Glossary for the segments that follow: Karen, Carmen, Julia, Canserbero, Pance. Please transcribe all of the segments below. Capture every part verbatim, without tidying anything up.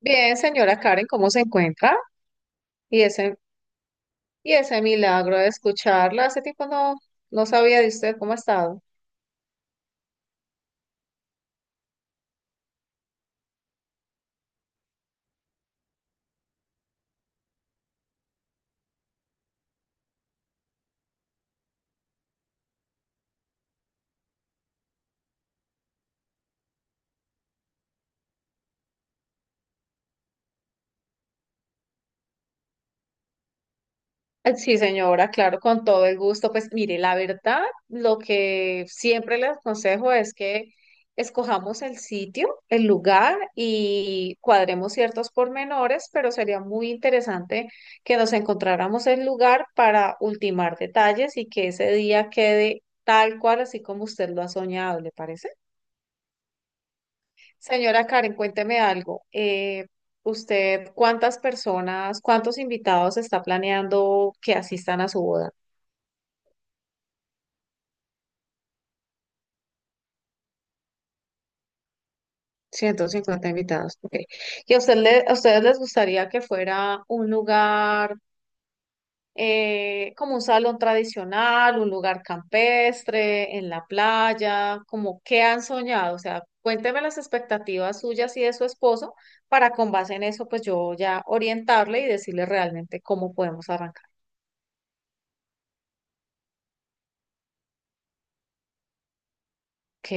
Bien, señora Karen, ¿cómo se encuentra? Y ese, y ese milagro de escucharla, hace tiempo no, no sabía de usted cómo ha estado. Eh, Sí, señora, claro, con todo el gusto. Pues mire, la verdad, lo que siempre le aconsejo es que escojamos el sitio, el lugar y cuadremos ciertos pormenores, pero sería muy interesante que nos encontráramos el lugar para ultimar detalles y que ese día quede tal cual, así como usted lo ha soñado, ¿le parece? Señora Karen, cuénteme algo. Eh, ¿usted cuántas personas, cuántos invitados está planeando que asistan a su boda? Ciento cincuenta invitados. Ok. ¿Y a usted le- a ustedes les gustaría que fuera un lugar eh, como un salón tradicional, un lugar campestre, en la playa? ¿Como qué han soñado? O sea, cuénteme las expectativas suyas y de su esposo para con base en eso, pues yo ya orientarle y decirle realmente cómo podemos arrancar. Ok.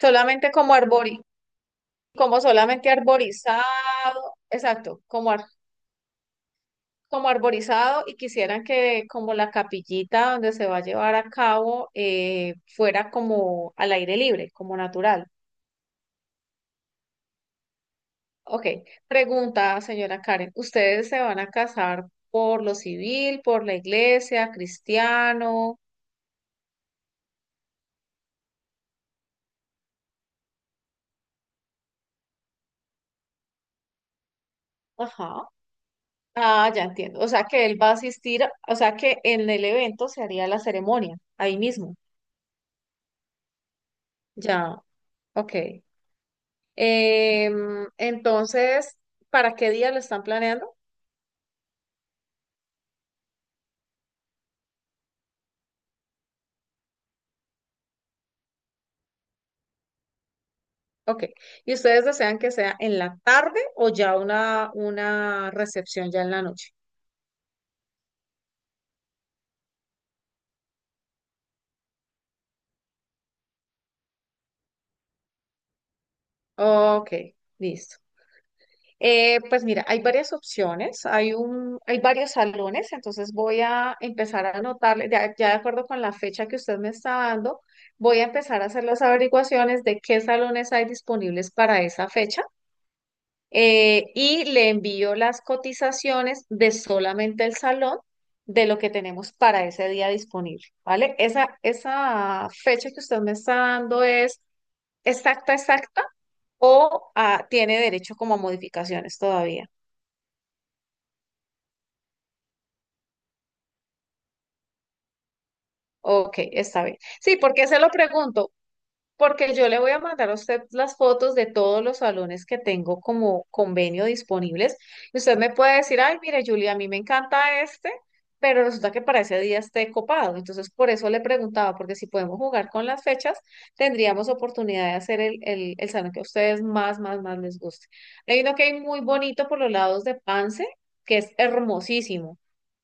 solamente como arbori, como solamente arborizado, exacto, como, ar- como arborizado y quisieran que como la capillita donde se va a llevar a cabo eh, fuera como al aire libre, como natural. Ok, pregunta, señora Karen, ¿ustedes se van a casar por lo civil, por la iglesia, cristiano? Ajá. Ah, ya entiendo. O sea que él va a asistir, o sea que en el evento se haría la ceremonia, ahí mismo. Ya, ok. Em, entonces, ¿para qué día lo están planeando? Ok. ¿Y ustedes desean que sea en la tarde o ya una, una recepción ya en la noche? Ok, listo. Eh, pues mira, hay varias opciones, hay un, hay varios salones, entonces voy a empezar a anotarle, ya, ya de acuerdo con la fecha que usted me está dando, voy a empezar a hacer las averiguaciones de qué salones hay disponibles para esa fecha eh, y le envío las cotizaciones de solamente el salón de lo que tenemos para ese día disponible, ¿vale? Esa, esa fecha que usted me está dando es exacta, exacta o ah, tiene derecho como a modificaciones todavía. Ok, está bien. Sí, porque se lo pregunto, porque yo le voy a mandar a usted las fotos de todos los salones que tengo como convenio disponibles. Y usted me puede decir, ay, mire, Julia, a mí me encanta este, pero resulta que para ese día esté copado. Entonces, por eso le preguntaba, porque si podemos jugar con las fechas, tendríamos oportunidad de hacer el, el, el salón que a ustedes más, más, más les guste. Hay uno que hay muy bonito por los lados de Pance, que es hermosísimo.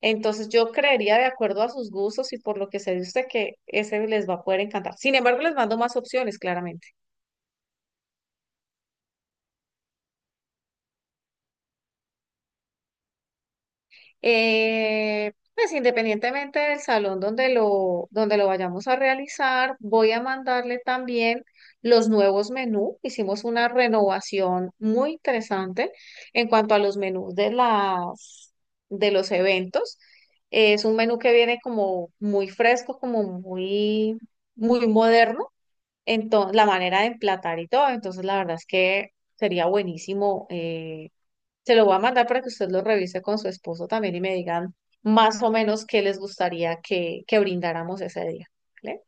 Entonces yo creería de acuerdo a sus gustos y por lo que se dice usted que ese les va a poder encantar. Sin embargo, les mando más opciones, claramente. Eh, pues independientemente del salón donde lo, donde lo vayamos a realizar, voy a mandarle también los nuevos menús. Hicimos una renovación muy interesante en cuanto a los menús de las, de los eventos. Es un menú que viene como muy fresco, como muy, muy moderno. Entonces, la manera de emplatar y todo. Entonces, la verdad es que sería buenísimo. eh, Se lo voy a mandar para que usted lo revise con su esposo también y me digan más o menos qué les gustaría que, que brindáramos ese día. ¿Vale?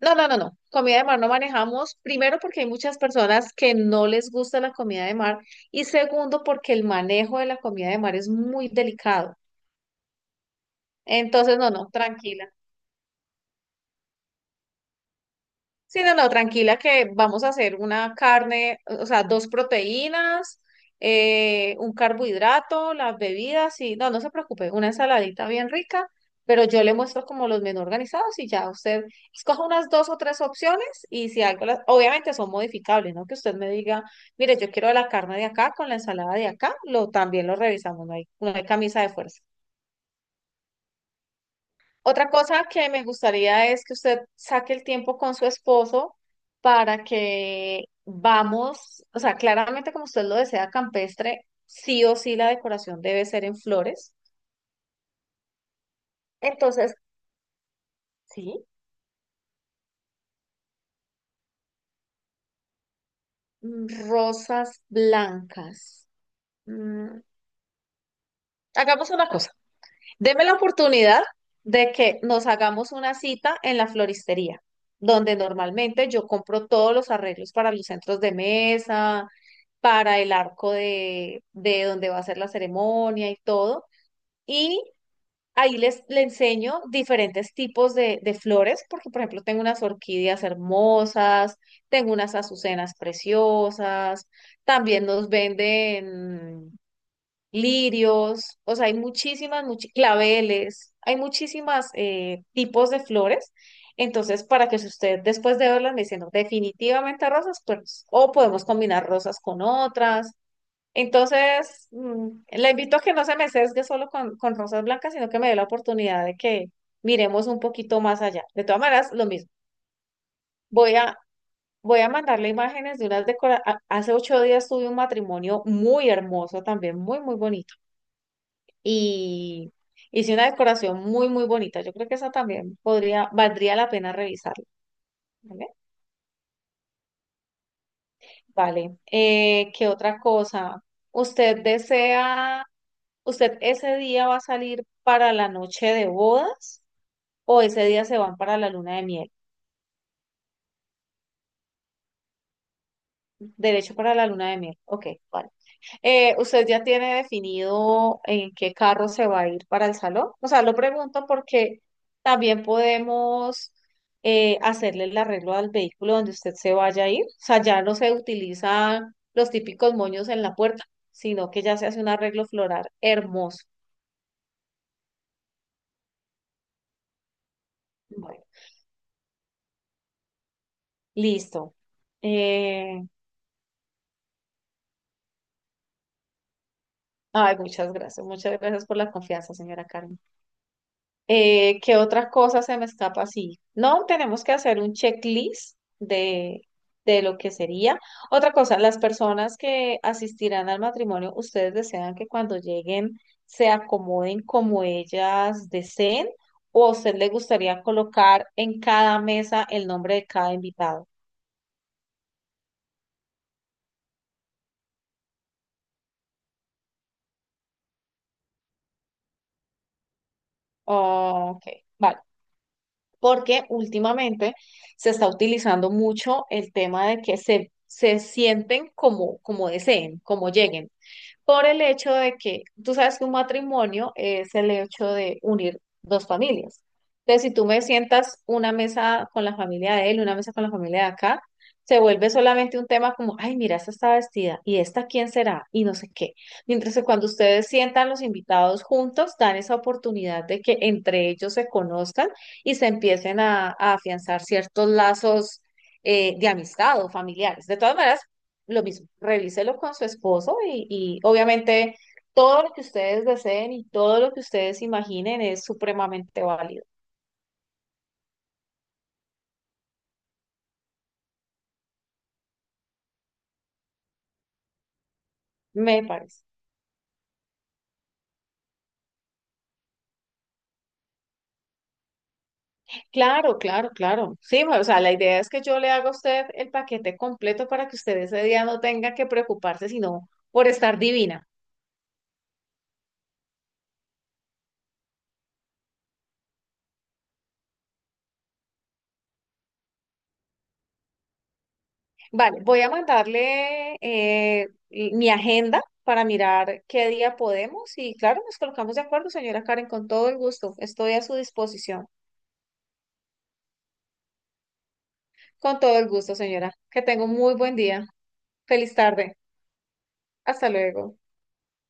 No, no, no, no. Comida de mar no manejamos. Primero, porque hay muchas personas que no les gusta la comida de mar. Y segundo, porque el manejo de la comida de mar es muy delicado. Entonces, no, no, tranquila. Sí, no, no, tranquila que vamos a hacer una carne, o sea, dos proteínas, eh, un carbohidrato, las bebidas y no, no se preocupe, una ensaladita bien rica, pero yo le muestro como los menús organizados y ya usted escoja unas dos o tres opciones y si algo, las, obviamente son modificables, ¿no? Que usted me diga, mire, yo quiero la carne de acá con la ensalada de acá, lo también lo revisamos, no hay, no hay camisa de fuerza. Otra cosa que me gustaría es que usted saque el tiempo con su esposo para que vamos, o sea, claramente como usted lo desea campestre, sí o sí la decoración debe ser en flores. Entonces, sí. mm, rosas blancas. Mm, Hagamos una cosa, deme la oportunidad de que nos hagamos una cita en la floristería, donde normalmente yo compro todos los arreglos para los centros de mesa para el arco de, de donde va a ser la ceremonia y todo. Y ahí les, le enseño diferentes tipos de, de flores, porque por ejemplo tengo unas orquídeas hermosas, tengo unas azucenas preciosas, también nos venden lirios, o sea, hay muchísimas, muchi- claveles, hay muchísimas eh, tipos de flores. Entonces, para que si usted después de verlas me diciendo definitivamente rosas, pues o podemos combinar rosas con otras. Entonces, mm, la invito a que no se me sesgue solo con, con rosas blancas, sino que me dé la oportunidad de que miremos un poquito más allá. De todas maneras, lo mismo. Voy a, voy a mandarle imágenes de unas decoraciones. Hace ocho días tuve un matrimonio muy hermoso también, muy, muy bonito. Y hice una decoración muy, muy bonita. Yo creo que esa también podría, valdría la pena revisarla. ¿Vale? Vale. Eh, ¿qué otra cosa? ¿Usted desea? ¿Usted ese día va a salir para la noche de bodas o ese día se van para la luna de miel? Derecho para la luna de miel. Ok, vale. Eh, ¿usted ya tiene definido en qué carro se va a ir para el salón? O sea, lo pregunto porque también podemos eh, hacerle el arreglo al vehículo donde usted se vaya a ir. O sea, ya no se utilizan los típicos moños en la puerta, sino que ya se hace un arreglo floral hermoso. Bueno, listo. Eh, Ay, muchas gracias, muchas gracias por la confianza, señora Carmen. Eh, ¿qué otra cosa se me escapa así? No, tenemos que hacer un checklist de, de lo que sería. Otra cosa, las personas que asistirán al matrimonio, ¿ustedes desean que cuando lleguen se acomoden como ellas deseen? ¿O a usted le gustaría colocar en cada mesa el nombre de cada invitado? Ok, vale. Porque últimamente se está utilizando mucho el tema de que se, se sienten como, como deseen, como lleguen por el hecho de que tú sabes que un matrimonio es el hecho de unir dos familias. Entonces, si tú me sientas una mesa con la familia de él, una mesa con la familia de acá, se vuelve solamente un tema como, ay, mira, esta está vestida y esta quién será y no sé qué. Mientras que cuando ustedes sientan los invitados juntos, dan esa oportunidad de que entre ellos se conozcan y se empiecen a, a afianzar ciertos lazos eh, de amistad o familiares. De todas maneras, lo mismo, revíselo con su esposo y, y obviamente todo lo que ustedes deseen y todo lo que ustedes imaginen es supremamente válido, me parece. Claro, claro, claro. Sí, o sea, la idea es que yo le haga a usted el paquete completo para que usted ese día no tenga que preocuparse sino por estar divina. Vale, voy a mandarle eh, mi agenda para mirar qué día podemos y claro, nos colocamos de acuerdo, señora Karen, con todo el gusto. Estoy a su disposición. Con todo el gusto, señora. Que tenga un muy buen día. Feliz tarde. Hasta luego.